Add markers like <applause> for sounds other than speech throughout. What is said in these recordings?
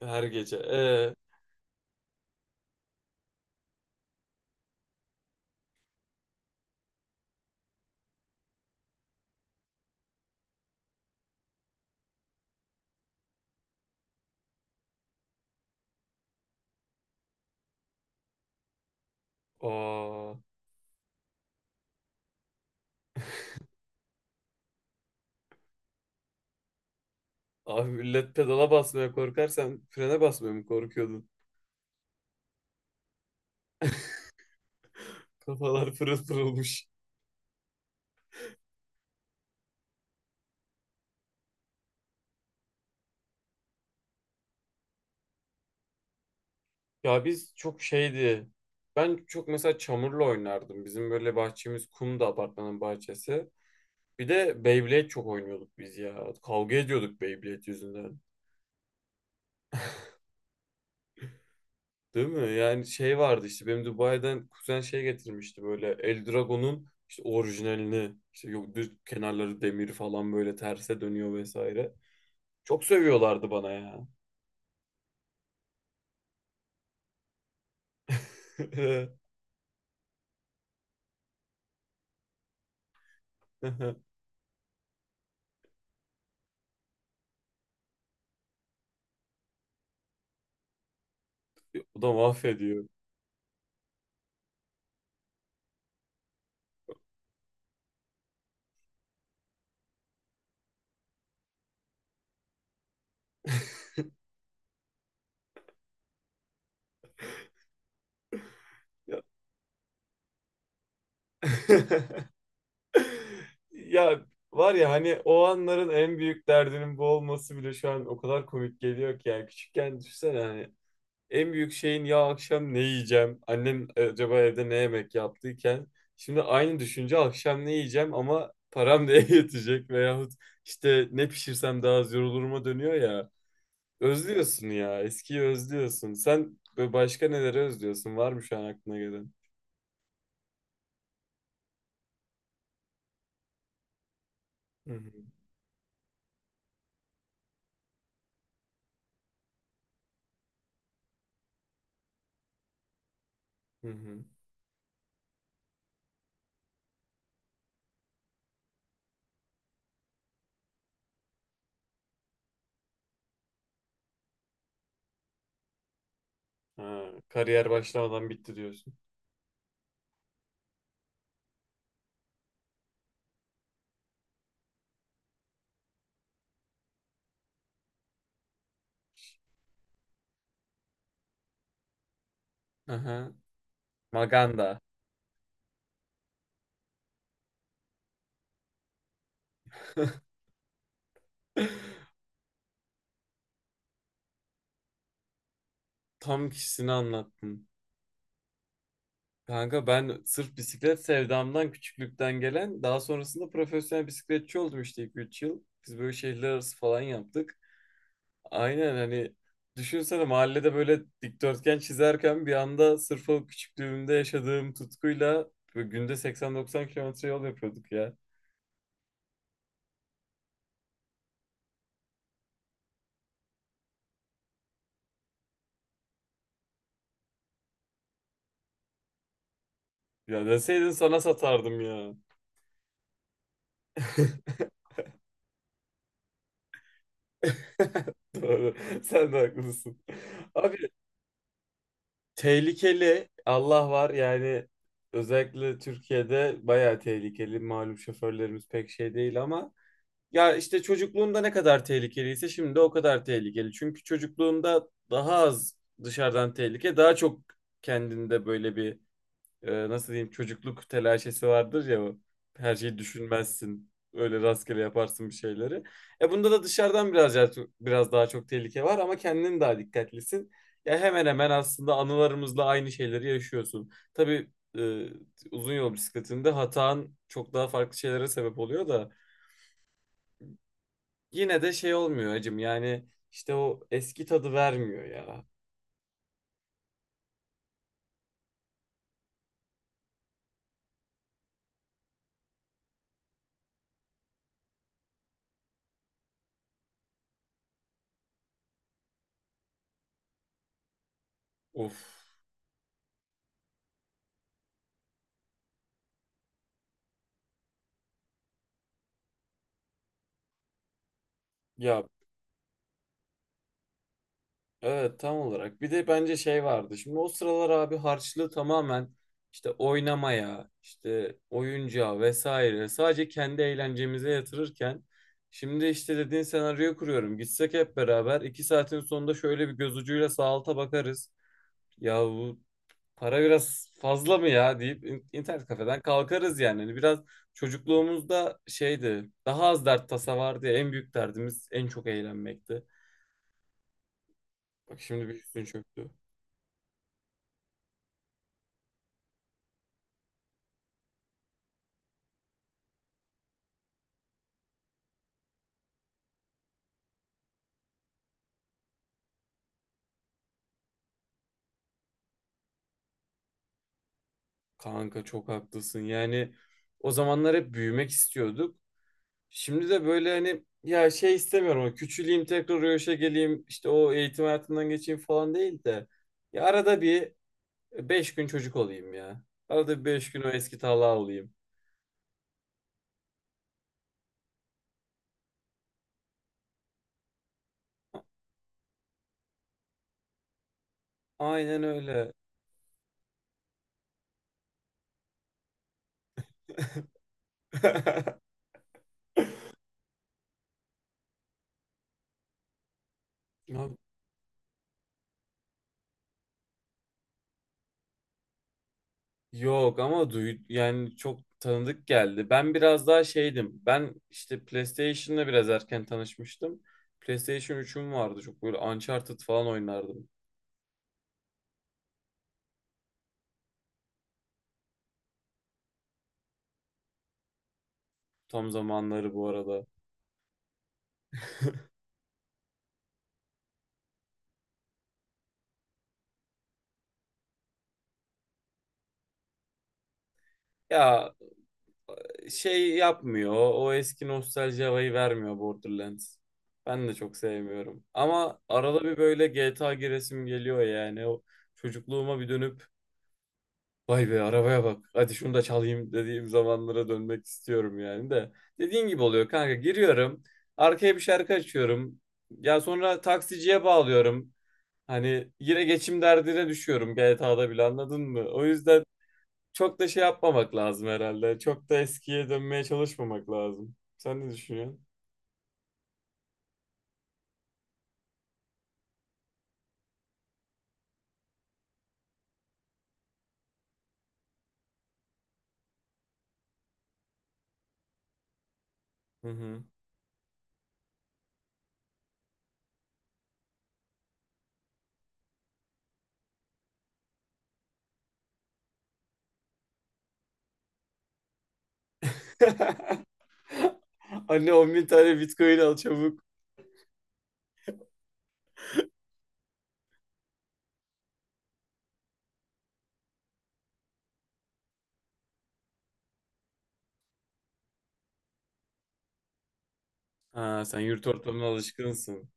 Her gece. Aa, abi millet pedala basmaya korkar, frene basmaya mı korkuyordun? Kafalar pırıl pırılmış. Ya biz çok şeydi. Ben çok mesela çamurla oynardım. Bizim böyle bahçemiz kumdu, apartmanın bahçesi. Bir de Beyblade çok oynuyorduk biz ya. Kavga ediyorduk Beyblade yüzünden. Değil mi? Yani şey vardı işte, benim Dubai'den kuzen şey getirmişti, böyle Eldragon'un işte orijinalini. İşte yok, düz kenarları demir falan, böyle terse dönüyor vesaire. Çok sövüyorlardı bana ya. <laughs> Bu da mahvediyor. Ya. <laughs> Ya, var ya hani o anların en büyük derdinin bu olması bile şu an o kadar komik geliyor ki, yani küçükken düşünsene, hani en büyük şeyin ya akşam ne yiyeceğim annem, acaba evde ne yemek yaptıyken, şimdi aynı düşünce akşam ne yiyeceğim ama param neye <laughs> yetecek, veyahut işte ne pişirsem daha az yoruluruma dönüyor ya. Özlüyorsun ya. Eskiyi özlüyorsun. Sen böyle başka neleri özlüyorsun? Var mı şu an aklına gelen? Hı hı. Hı hı. Ha, kariyer başlamadan bitti diyorsun. Aha. Maganda. <laughs> Tam kişisini anlattın. Kanka ben sırf bisiklet sevdamdan, küçüklükten gelen, daha sonrasında profesyonel bisikletçi oldum işte 2 3 yıl. Biz böyle şehirler arası falan yaptık. Aynen hani, düşünsene, mahallede böyle dikdörtgen çizerken bir anda sırf o küçüklüğümde yaşadığım tutkuyla böyle günde 80-90 kilometre yol yapıyorduk ya. Ya deseydin sana satardım ya. <laughs> Doğru. Sen de haklısın. Abi tehlikeli, Allah var yani, özellikle Türkiye'de bayağı tehlikeli. Malum şoförlerimiz pek şey değil ama, ya işte çocukluğumda ne kadar tehlikeliyse şimdi o kadar tehlikeli. Çünkü çocukluğumda daha az dışarıdan tehlike, daha çok kendinde böyle bir, nasıl diyeyim, çocukluk telaşesi vardır ya. O. Her şeyi düşünmezsin. Öyle rastgele yaparsın bir şeyleri. E bunda da dışarıdan biraz biraz daha çok tehlike var ama kendin daha dikkatlisin. Ya hemen hemen aslında anılarımızla aynı şeyleri yaşıyorsun. Tabii e, uzun yol bisikletinde hatan çok daha farklı şeylere sebep oluyor da yine de şey olmuyor acım yani, işte o eski tadı vermiyor ya. Of, ya evet, tam olarak. Bir de bence şey vardı şimdi o sıralar abi, harçlığı tamamen işte oynamaya, işte oyuncağa vesaire sadece kendi eğlencemize yatırırken, şimdi işte dediğin senaryoyu kuruyorum, gitsek hep beraber, 2 saatin sonunda şöyle bir göz ucuyla sağ alta bakarız. Ya bu para biraz fazla mı ya, deyip internet kafeden kalkarız yani. Hani biraz çocukluğumuzda şeydi. Daha az dert tasa vardı ya. En büyük derdimiz en çok eğlenmekti. Bak şimdi bir üstün çöktü. Kanka çok haklısın. Yani o zamanlar hep büyümek istiyorduk. Şimdi de böyle hani, ya şey istemiyorum. O küçüleyim tekrar o yaşa geleyim, işte o eğitim hayatından geçeyim falan değil de. Ya arada bir 5 gün çocuk olayım ya. Arada bir 5 gün o eski tala olayım. Aynen öyle. <laughs> Ha, yok ama duy, yani çok tanıdık geldi. Ben biraz daha şeydim. Ben işte PlayStation'la biraz erken tanışmıştım. PlayStation üçüm vardı. Çok böyle Uncharted falan oynardım. Tam zamanları bu arada. Ya şey yapmıyor. O eski nostalji havayı vermiyor Borderlands. Ben de çok sevmiyorum. Ama arada bir böyle GTA giresim geliyor yani. O çocukluğuma bir dönüp vay be arabaya bak, hadi şunu da çalayım dediğim zamanlara dönmek istiyorum yani de. Dediğin gibi oluyor kanka. Giriyorum. Arkaya bir şarkı açıyorum. Ya sonra taksiciye bağlıyorum. Hani yine geçim derdine düşüyorum GTA'da bile, anladın mı? O yüzden çok da şey yapmamak lazım herhalde. Çok da eskiye dönmeye çalışmamak lazım. Sen ne düşünüyorsun? Hı hı. <laughs> Anne 10 bin tane Bitcoin al çabuk. Ha, sen yurt ortamına alışkınsın.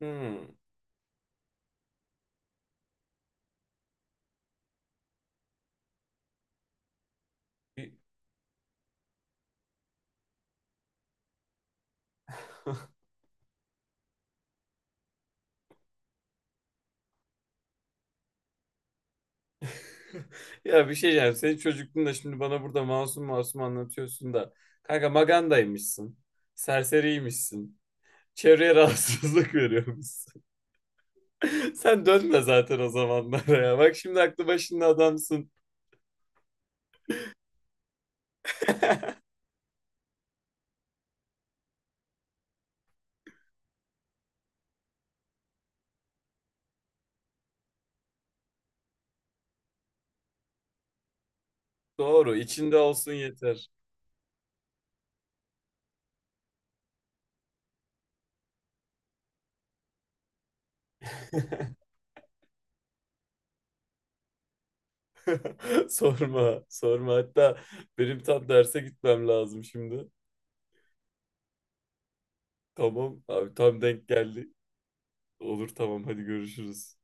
Hmm. <laughs> <laughs> Ya, bir şey diyeceğim. Senin çocukluğunda şimdi bana burada masum masum anlatıyorsun da. Kanka magandaymışsın. Serseriymişsin. Çevreye rahatsızlık <laughs> veriyormuşsun. <laughs> Sen dönme zaten o zamanlara ya. Bak şimdi aklı başında adamsın. Doğru, içinde olsun yeter. <laughs> Sorma, sorma. Hatta benim tam derse gitmem lazım şimdi. Tamam abi, tam denk geldi. Olur tamam, hadi görüşürüz.